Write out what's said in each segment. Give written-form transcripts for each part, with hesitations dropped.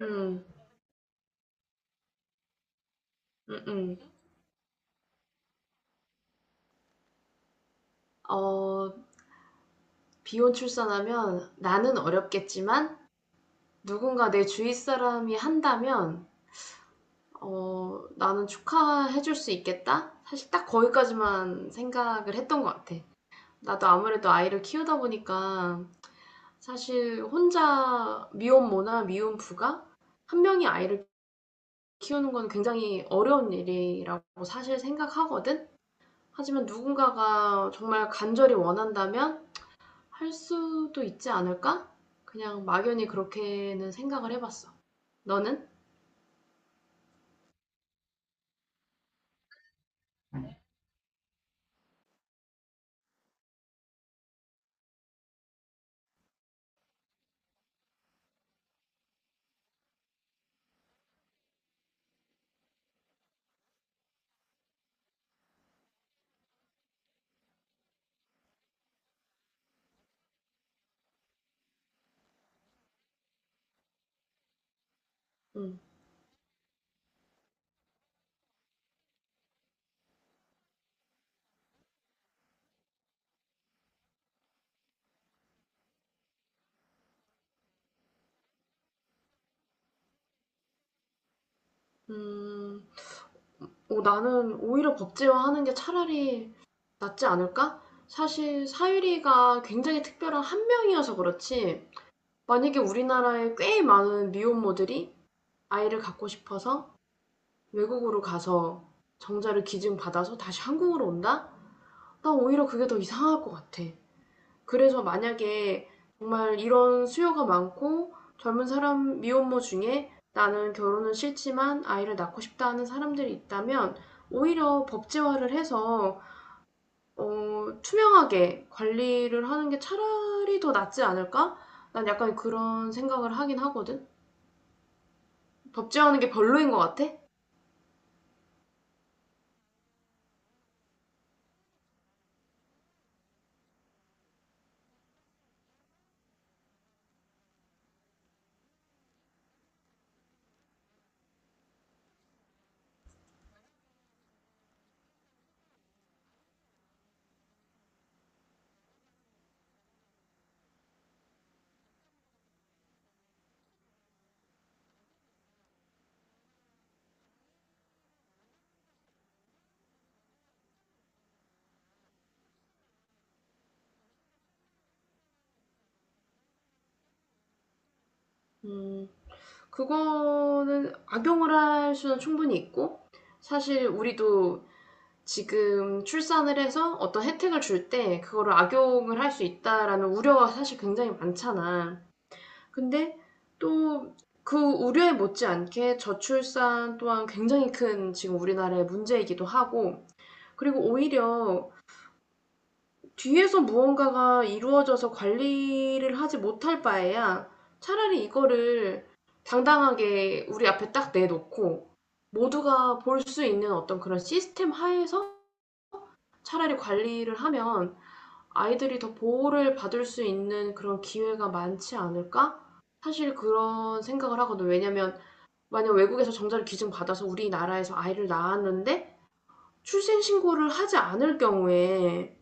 음, 음, 음. 어, 비혼 출산하면 나는 어렵겠지만 누군가 내 주위 사람이 한다면 나는 축하해줄 수 있겠다? 사실 딱 거기까지만 생각을 했던 것 같아. 나도 아무래도 아이를 키우다 보니까 사실 혼자 미혼모나 미혼부가 한 명이 아이를 키우는 건 굉장히 어려운 일이라고 사실 생각하거든? 하지만 누군가가 정말 간절히 원한다면 할 수도 있지 않을까? 그냥 막연히 그렇게는 생각을 해봤어. 너는? 응. 음, 나는 오히려 법제화하는 게 차라리 낫지 않을까? 사실 사유리가 굉장히 특별한 한 명이어서 그렇지. 만약에 우리나라에 꽤 많은 미혼모들이 아이를 갖고 싶어서 외국으로 가서 정자를 기증받아서 다시 한국으로 온다? 난 오히려 그게 더 이상할 것 같아. 그래서 만약에 정말 이런 수요가 많고 젊은 사람 미혼모 중에 나는 결혼은 싫지만 아이를 낳고 싶다 하는 사람들이 있다면 오히려 법제화를 해서 투명하게 관리를 하는 게 차라리 더 낫지 않을까? 난 약간 그런 생각을 하긴 하거든. 법제화하는 게 별로인 것 같아. 음, 그거는 악용을 할 수는 충분히 있고 사실 우리도 지금 출산을 해서 어떤 혜택을 줄 때 그거를 악용을 할 수 있다라는 우려가 사실 굉장히 많잖아. 근데 또 그 우려에 못지않게 저출산 또한 굉장히 큰 지금 우리나라의 문제이기도 하고, 그리고 오히려 뒤에서 무언가가 이루어져서 관리를 하지 못할 바에야 차라리 이거를 당당하게 우리 앞에 딱 내놓고 모두가 볼 수 있는 어떤 그런 시스템 하에서 차라리 관리를 하면 아이들이 더 보호를 받을 수 있는 그런 기회가 많지 않을까? 사실 그런 생각을 하거든요. 왜냐면 만약 외국에서 정자를 기증받아서 우리나라에서 아이를 낳았는데 출생신고를 하지 않을 경우에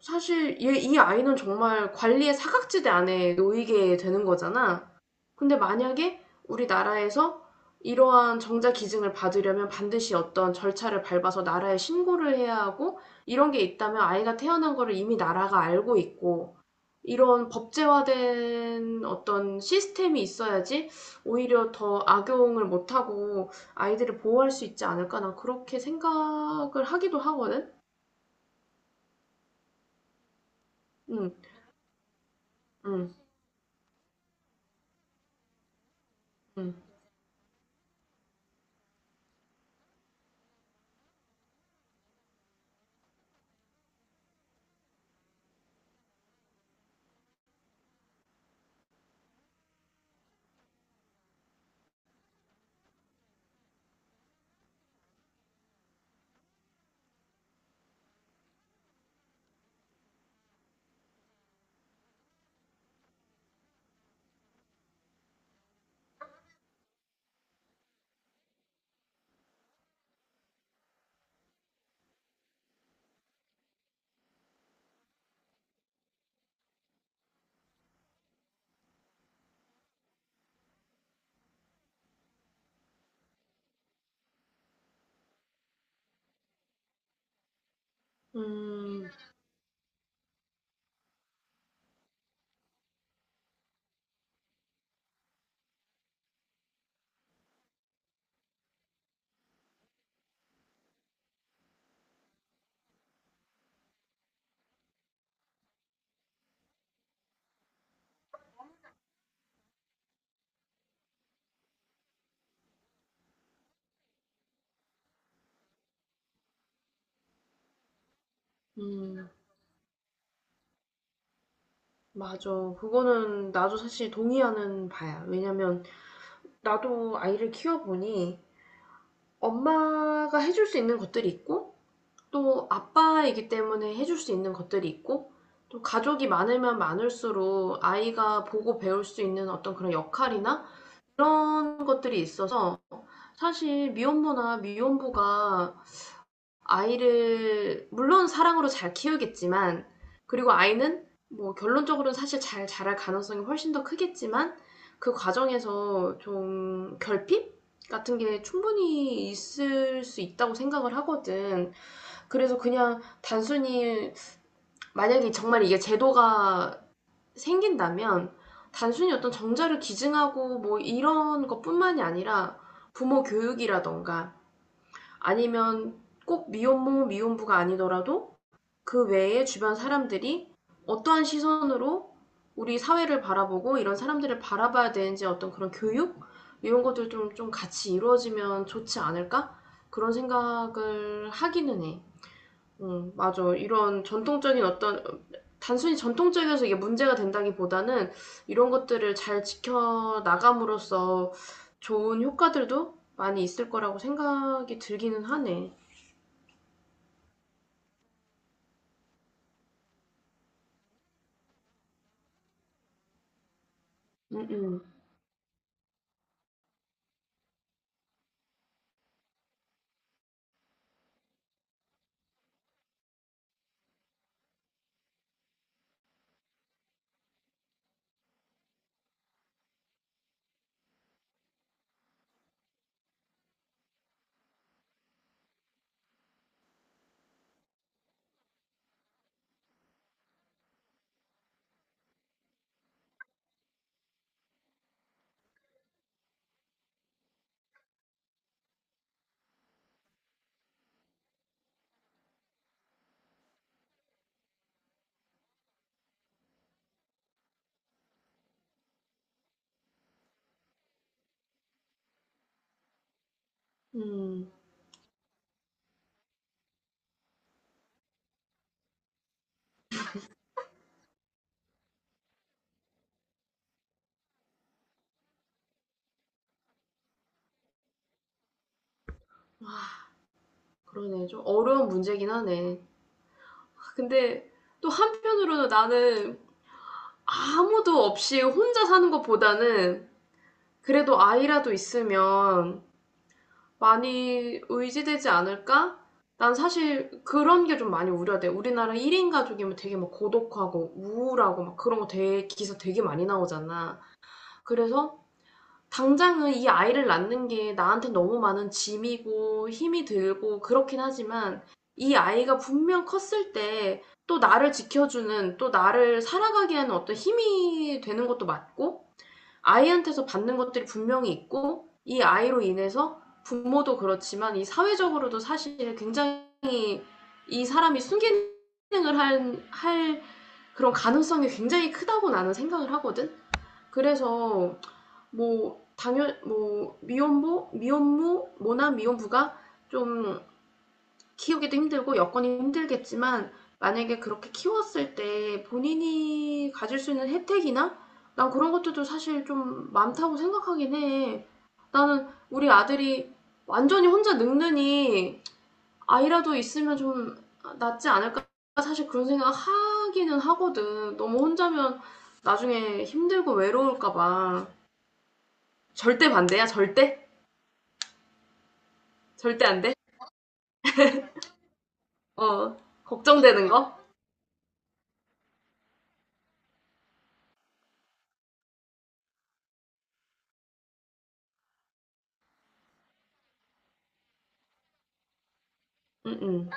사실 이 아이는 정말 관리의 사각지대 안에 놓이게 되는 거잖아. 근데 만약에 우리나라에서 이러한 정자 기증을 받으려면 반드시 어떤 절차를 밟아서 나라에 신고를 해야 하고 이런 게 있다면 아이가 태어난 거를 이미 나라가 알고 있고 이런 법제화된 어떤 시스템이 있어야지 오히려 더 악용을 못 하고 아이들을 보호할 수 있지 않을까 난 그렇게 생각을 하기도 하거든. 응. 응. 응. 음. 음. 맞아. 그거는 나도 사실 동의하는 바야. 왜냐면 나도 아이를 키워보니 엄마가 해줄 수 있는 것들이 있고 또 아빠이기 때문에 해줄 수 있는 것들이 있고 또 가족이 많으면 많을수록 아이가 보고 배울 수 있는 어떤 그런 역할이나 그런 것들이 있어서 사실 미혼모나 미혼부가 아이를 물론 사랑으로 잘 키우겠지만 그리고 아이는 뭐 결론적으로는 사실 잘 자랄 가능성이 훨씬 더 크겠지만 그 과정에서 좀 결핍 같은 게 충분히 있을 수 있다고 생각을 하거든. 그래서 그냥 단순히 만약에 정말 이게 제도가 생긴다면 단순히 어떤 정자를 기증하고 뭐 이런 것뿐만이 아니라 부모 교육이라던가 아니면 꼭 미혼모 미혼부가 아니더라도 그 외에 주변 사람들이 어떠한 시선으로 우리 사회를 바라보고 이런 사람들을 바라봐야 되는지 어떤 그런 교육 이런 것들 좀 같이 이루어지면 좋지 않을까 그런 생각을 하기는 해. 맞아. 이런 전통적인 어떤, 단순히 전통적이어서 이게 문제가 된다기보다는 이런 것들을 잘 지켜나감으로써 좋은 효과들도 많이 있을 거라고 생각이 들기는 하네. 음음. 음, 음, 그러네. 좀 어려운 문제긴 하네. 아, 근데 또 한편으로는 나는 아무도 없이 혼자 사는 것보다는 그래도 아이라도 있으면 많이 의지되지 않을까? 난 사실 그런 게 좀 많이 우려돼. 우리나라 1인 가족이면 되게 막 고독하고 우울하고 막 그런 거 되게 기사 되게 많이 나오잖아. 그래서 당장은 이 아이를 낳는 게 나한테 너무 많은 짐이고 힘이 들고 그렇긴 하지만 이 아이가 분명 컸을 때 또 나를 지켜주는 또 나를 살아가게 하는 어떤 힘이 되는 것도 맞고 아이한테서 받는 것들이 분명히 있고 이 아이로 인해서 부모도 그렇지만 이 사회적으로도 사실 굉장히 이 사람이 순기능을 할 그런 가능성이 굉장히 크다고 나는 생각을 하거든. 그래서 뭐 당연 뭐 미혼모, 미혼모, 모난 미혼부가 좀 키우기도 힘들고 여건이 힘들겠지만 만약에 그렇게 키웠을 때 본인이 가질 수 있는 혜택이나 난 그런 것들도 사실 좀 많다고 생각하긴 해. 나는 우리 아들이 완전히 혼자 늙느니 아이라도 있으면 좀 낫지 않을까 사실 그런 생각 하기는 하거든. 너무 혼자면 나중에 힘들고 외로울까 봐. 절대 반대야, 절대? 절대 안 돼? 어, 걱정되는 거? 응,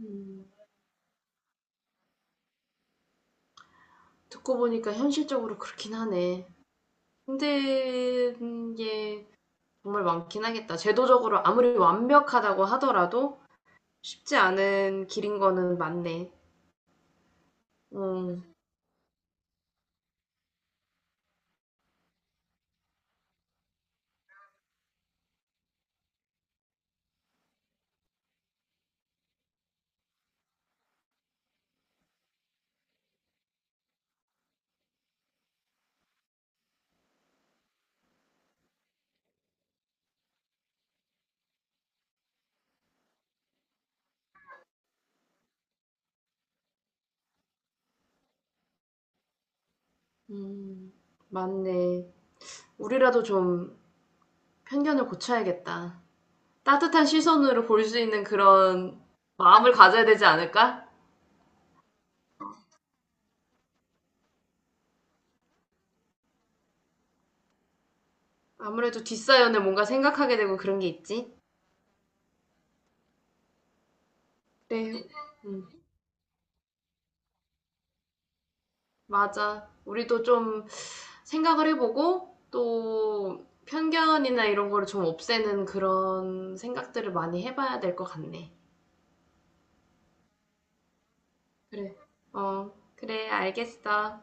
응. 듣고 보니까 현실적으로 그렇긴 하네. 힘든 게 정말 많긴 하겠다. 제도적으로 아무리 완벽하다고 하더라도 쉽지 않은 길인 거는 맞네. 음, 음, 맞네. 우리라도 좀 편견을 고쳐야겠다. 따뜻한 시선으로 볼 수 있는 그런 마음을 가져야 되지 않을까? 아무래도 뒷사연을 뭔가 생각하게 되고 그런 게 있지. 네. 음. 맞아. 우리도 좀 생각을 해보고 또 편견이나 이런 거를 좀 없애는 그런 생각들을 많이 해봐야 될 것 같네. 그래. 어, 그래, 알겠어.